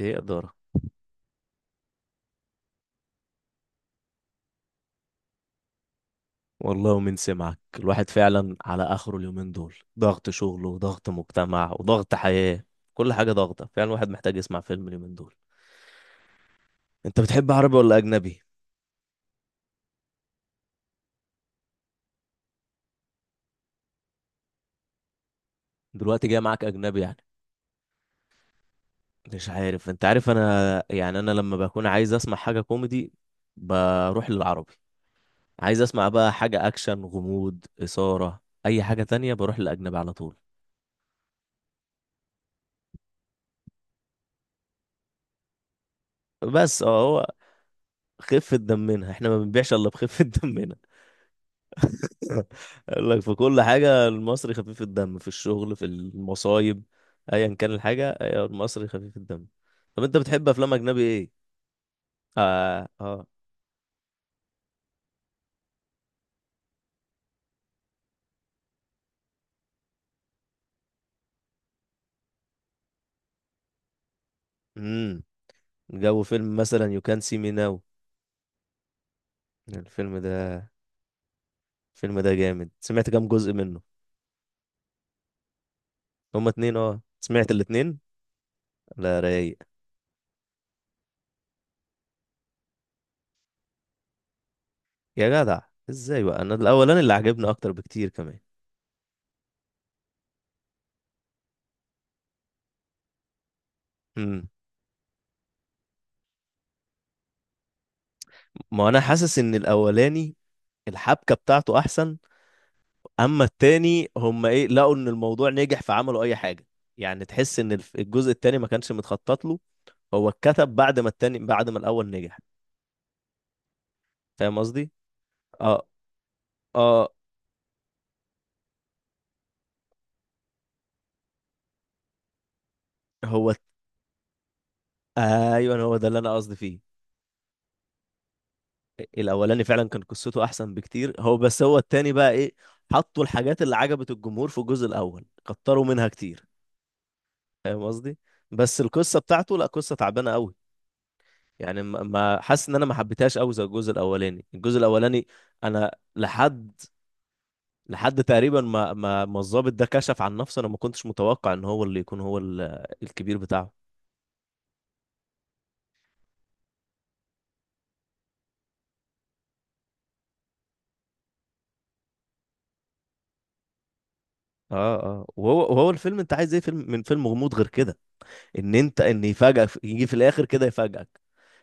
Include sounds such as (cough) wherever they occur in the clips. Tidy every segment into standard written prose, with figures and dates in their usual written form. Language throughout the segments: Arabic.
ايه إدارة. والله ومن سمعك الواحد فعلا على آخره، اليومين دول ضغط شغل وضغط مجتمع وضغط حياة، كل حاجة ضغطة. فعلا الواحد محتاج يسمع فيلم اليومين دول. انت بتحب عربي ولا أجنبي؟ دلوقتي جاي معاك أجنبي يعني. مش عارف، انت عارف انا يعني لما بكون عايز اسمع حاجة كوميدي بروح للعربي. عايز اسمع بقى حاجة اكشن غموض إثارة، اي حاجة تانية بروح للأجنبي على طول. بس هو خفة دمنا، احنا ما بنبيعش الا بخفة (laughs) دمنا. (laughs) قال لك في كل حاجة المصري خفيف الدم، في الشغل، في المصايب، ايا كان الحاجة، أيوة المصري خفيف الدم. طب انت بتحب افلام اجنبي ايه؟ اه اه. امم جو فيلم مثلا يو كان سي مي ناو، الفيلم ده الفيلم ده جامد. سمعت كام جزء منه؟ هما اتنين، اه، سمعت الاتنين؟ لا رايق. يا جدع، ازاي بقى؟ انا الاولاني اللي عجبني اكتر بكتير كمان. امم ما انا حاسس ان الاولاني الحبكة بتاعته احسن. اما التاني هم ايه، لقوا ان الموضوع نجح فعملوا اي حاجه. يعني تحس ان الجزء التاني ما كانش متخطط له، هو اتكتب بعد ما الاول نجح. فاهم قصدي؟ اه اه هو. ايوه هو ده اللي انا قصدي فيه. الاولاني فعلا كان قصته احسن بكتير. هو بس هو التاني بقى ايه؟ حطوا الحاجات اللي عجبت الجمهور في الجزء الاول، كتروا منها كتير. فاهم قصدي؟ بس القصه بتاعته لا، قصه تعبانه قوي. يعني حاسس ان انا ما حبيتهاش قوي زي الجزء الاولاني. الجزء الاولاني انا لحد لحد تقريبا ما ما ما الضابط ده كشف عن نفسه، انا ما كنتش متوقع ان هو اللي يكون الكبير بتاعه. اه اه. وهو الفيلم انت عايز ايه فيلم من فيلم غموض غير كده؟ ان يفاجئك، يجي في الاخر كده يفاجئك.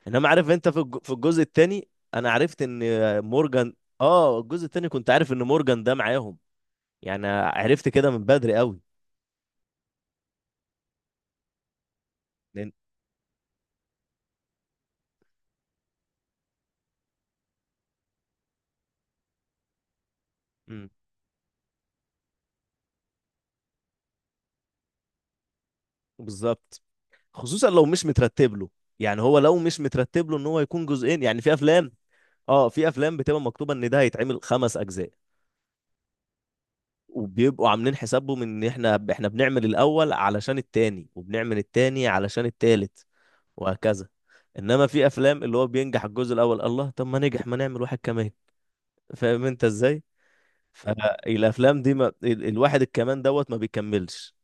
انما عارف انت في في الجزء التاني انا عرفت ان مورجان، اه الجزء التاني كنت عارف ان مورجان ده معاهم، يعني عرفت كده من بدري قوي. لان مم، بالظبط. خصوصا لو مش مترتب له، يعني هو لو مش مترتب له ان هو يكون جزئين. يعني في افلام، اه في افلام بتبقى مكتوبه ان ده هيتعمل خمس اجزاء، وبيبقوا عاملين حسابهم ان احنا بنعمل الاول علشان التاني، وبنعمل التاني علشان التالت، وهكذا. انما في افلام اللي هو بينجح الجزء الاول، الله طب ما نجح، ما نعمل واحد كمان، فاهم انت ازاي؟ فالافلام دي ما الواحد الكمان دوت ما بيكملش.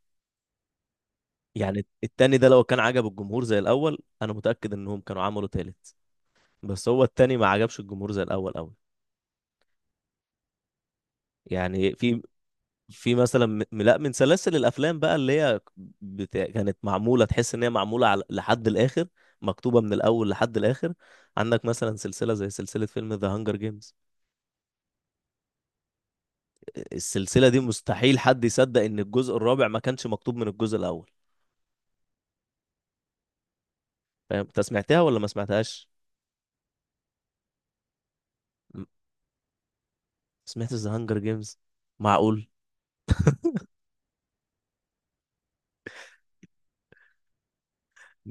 يعني التاني ده لو كان عجب الجمهور زي الاول انا متاكد انهم كانوا عملوا تالت، بس هو التاني ما عجبش الجمهور زي الاول قوي. يعني في في مثلا لا، من سلاسل الافلام بقى اللي هي كانت معموله تحس ان هي لحد الاخر، مكتوبه من الاول لحد الاخر. عندك مثلا سلسله زي سلسله فيلم ذا هانجر جيمز، السلسله دي مستحيل حد يصدق ان الجزء الرابع ما كانش مكتوب من الجزء الاول. فاهم انت، سمعتها ولا ما سمعتهاش؟ م- سمعت ذا هانجر جيمز؟ معقول،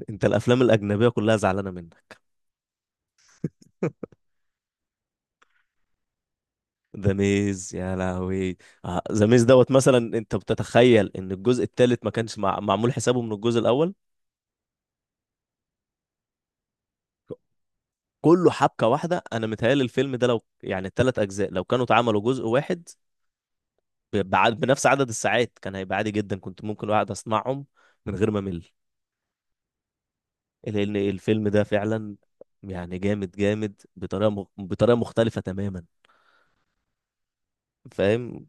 انت الافلام الاجنبيه كلها زعلانه منك. ذا ميز يا لهوي، ذا ميز دوت مثلا، انت بتتخيل ان الجزء الثالث ما كانش معمول حسابه من الجزء الاول؟ كله حبكه واحده. انا متهيألي الفيلم ده لو يعني الثلاث اجزاء لو كانوا اتعملوا جزء واحد بنفس عدد الساعات كان هيبقى عادي جدا، كنت ممكن واحد اسمعهم من غير ما امل. لان الفيلم ده فعلا يعني جامد جامد، بطريقه مختلفه تماما. فاهم.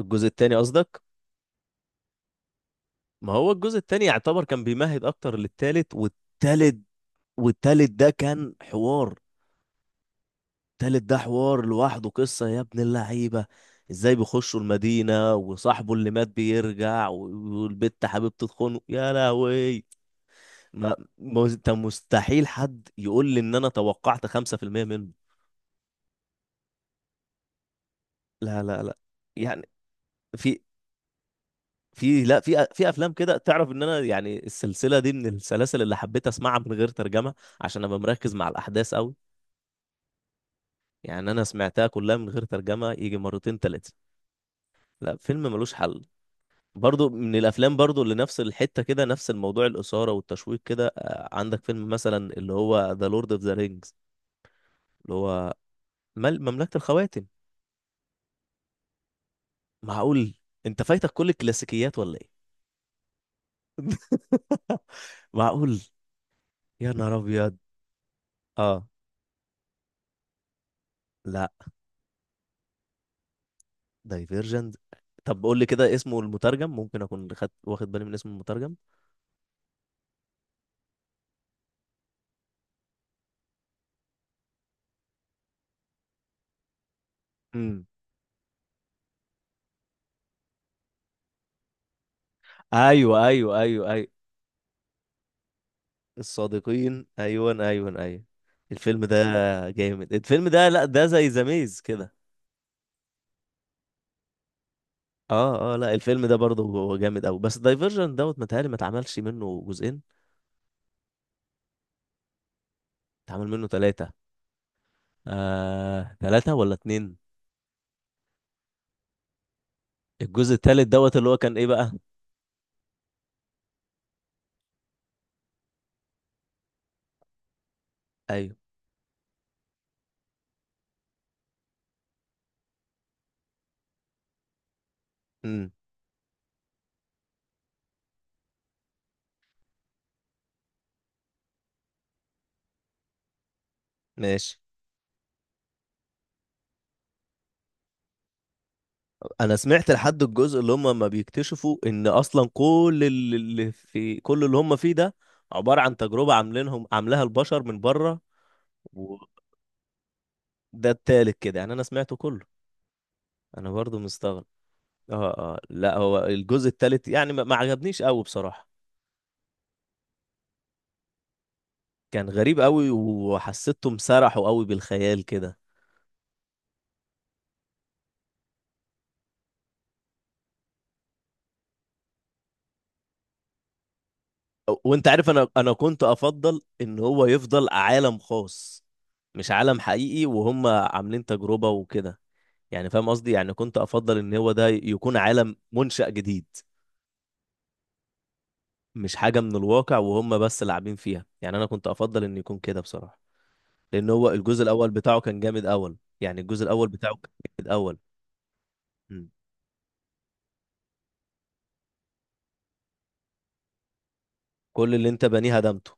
الجزء الثاني قصدك؟ ما هو الجزء الثاني يعتبر كان بيمهد اكتر للثالث، والثالث ده كان حوار. تالت ده حوار لوحده، قصة يا ابن اللعيبة. ازاي بيخشوا المدينة، وصاحبه اللي مات بيرجع، والبت حبيبته تخونه يا لهوي. انت مستحيل حد يقول لي ان انا توقعت 5% منه. لا لا لا. يعني في في لا في في افلام كده، تعرف ان انا يعني السلسلة دي من السلاسل اللي حبيت اسمعها من غير ترجمة، عشان ابقى مركز مع الاحداث قوي. يعني انا سمعتها كلها من غير ترجمة يجي مرتين تلاتة. لا فيلم ملوش حل. برضو من الافلام برضو اللي نفس الحته كده، نفس الموضوع الاثاره والتشويق كده، عندك فيلم مثلا اللي هو ذا لورد اوف ذا رينجز، اللي هو مل مملكه الخواتم. معقول، انت فايتك كل الكلاسيكيات ولا ايه؟ (laughs) معقول، يا نهار ابيض. اه لا، دايفيرجنت. طب قول لي كده اسمه المترجم، ممكن اكون واخد بالي من اسم المترجم. امم. ايوه، ايوه، ايوه، ايوه. الصادقين، ايوه، ايوه، ايوه. الفيلم ده جامد. الفيلم ده لا، ده زي ذا ميز كده. اه اه لا، الفيلم ده برضه هو جامد قوي. بس دايفرجن دوت متهيألي ما اتعملش منه جزئين. اتعمل منه ثلاثة؟ آه، ثلاثة ولا اتنين؟ الجزء الثالث دوت اللي هو كان ايه بقى؟ ايوه. امم. ماشي. انا سمعت لحد الجزء اللي هم ما بيكتشفوا ان اصلا كل اللي هم فيه ده عبارة عن تجربة، عاملينهم عاملاها البشر من بره. وده التالت كده، يعني انا سمعته كله. انا برضه مستغرب. اه اه لا، هو الجزء التالت يعني ما ما عجبنيش قوي بصراحة. كان غريب قوي، وحسيتهم سرحوا قوي بالخيال كده. وانت عارف انا كنت افضل ان هو يفضل عالم خاص، مش عالم حقيقي وهم عاملين تجربة وكده. يعني فاهم قصدي، يعني كنت افضل ان هو ده يكون عالم منشأ جديد، مش حاجة من الواقع وهم بس لاعبين فيها. يعني انا كنت افضل ان يكون كده بصراحة. لان هو الجزء الاول بتاعه كان جامد اول، يعني الجزء الاول بتاعه كان جامد اول. مم. كل اللي انت بنيه هدمته.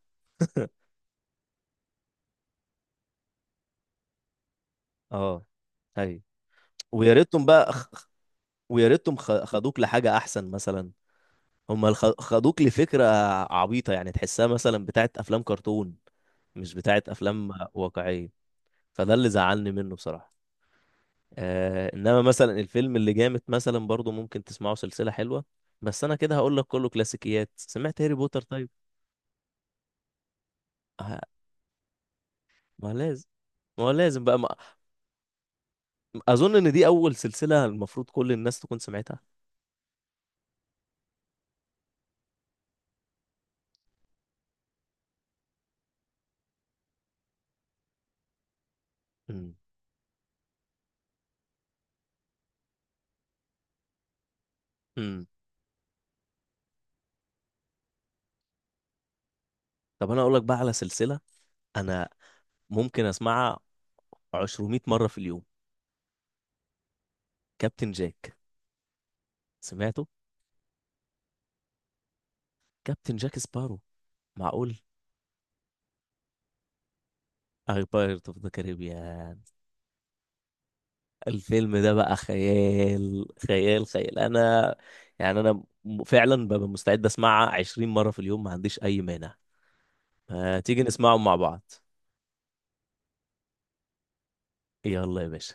اه، ايوه. ويا ريتهم بقى، ويا ريتهم خدوك لحاجة أحسن مثلا. هما خدوك لفكرة عبيطة، يعني تحسها مثلا بتاعت أفلام كرتون، مش بتاعت أفلام واقعية. فده اللي زعلني منه بصراحة. آه، إنما مثلا الفيلم اللي جامد مثلا برضو ممكن تسمعه، سلسلة حلوة. بس أنا كده هقول لك، كله كلاسيكيات، سمعت هاري بوتر طيب؟ آه ما لازم، ما هو لازم بقى ما... أظن إن دي أول سلسلة المفروض كل الناس تكون سمعتها. امم. امم. طب أنا أقول لك بقى على سلسلة، أنا ممكن أسمعها 200 مرة في اليوم. كابتن جاك، سمعته؟ كابتن جاك سبارو. معقول. أي، بايرت اوف ذا كاريبيان. الفيلم ده بقى خيال خيال خيال. انا يعني فعلا ببقى مستعد اسمعها 20 مرة في اليوم، ما عنديش اي مانع. ما تيجي نسمعهم مع بعض؟ يلا يا باشا.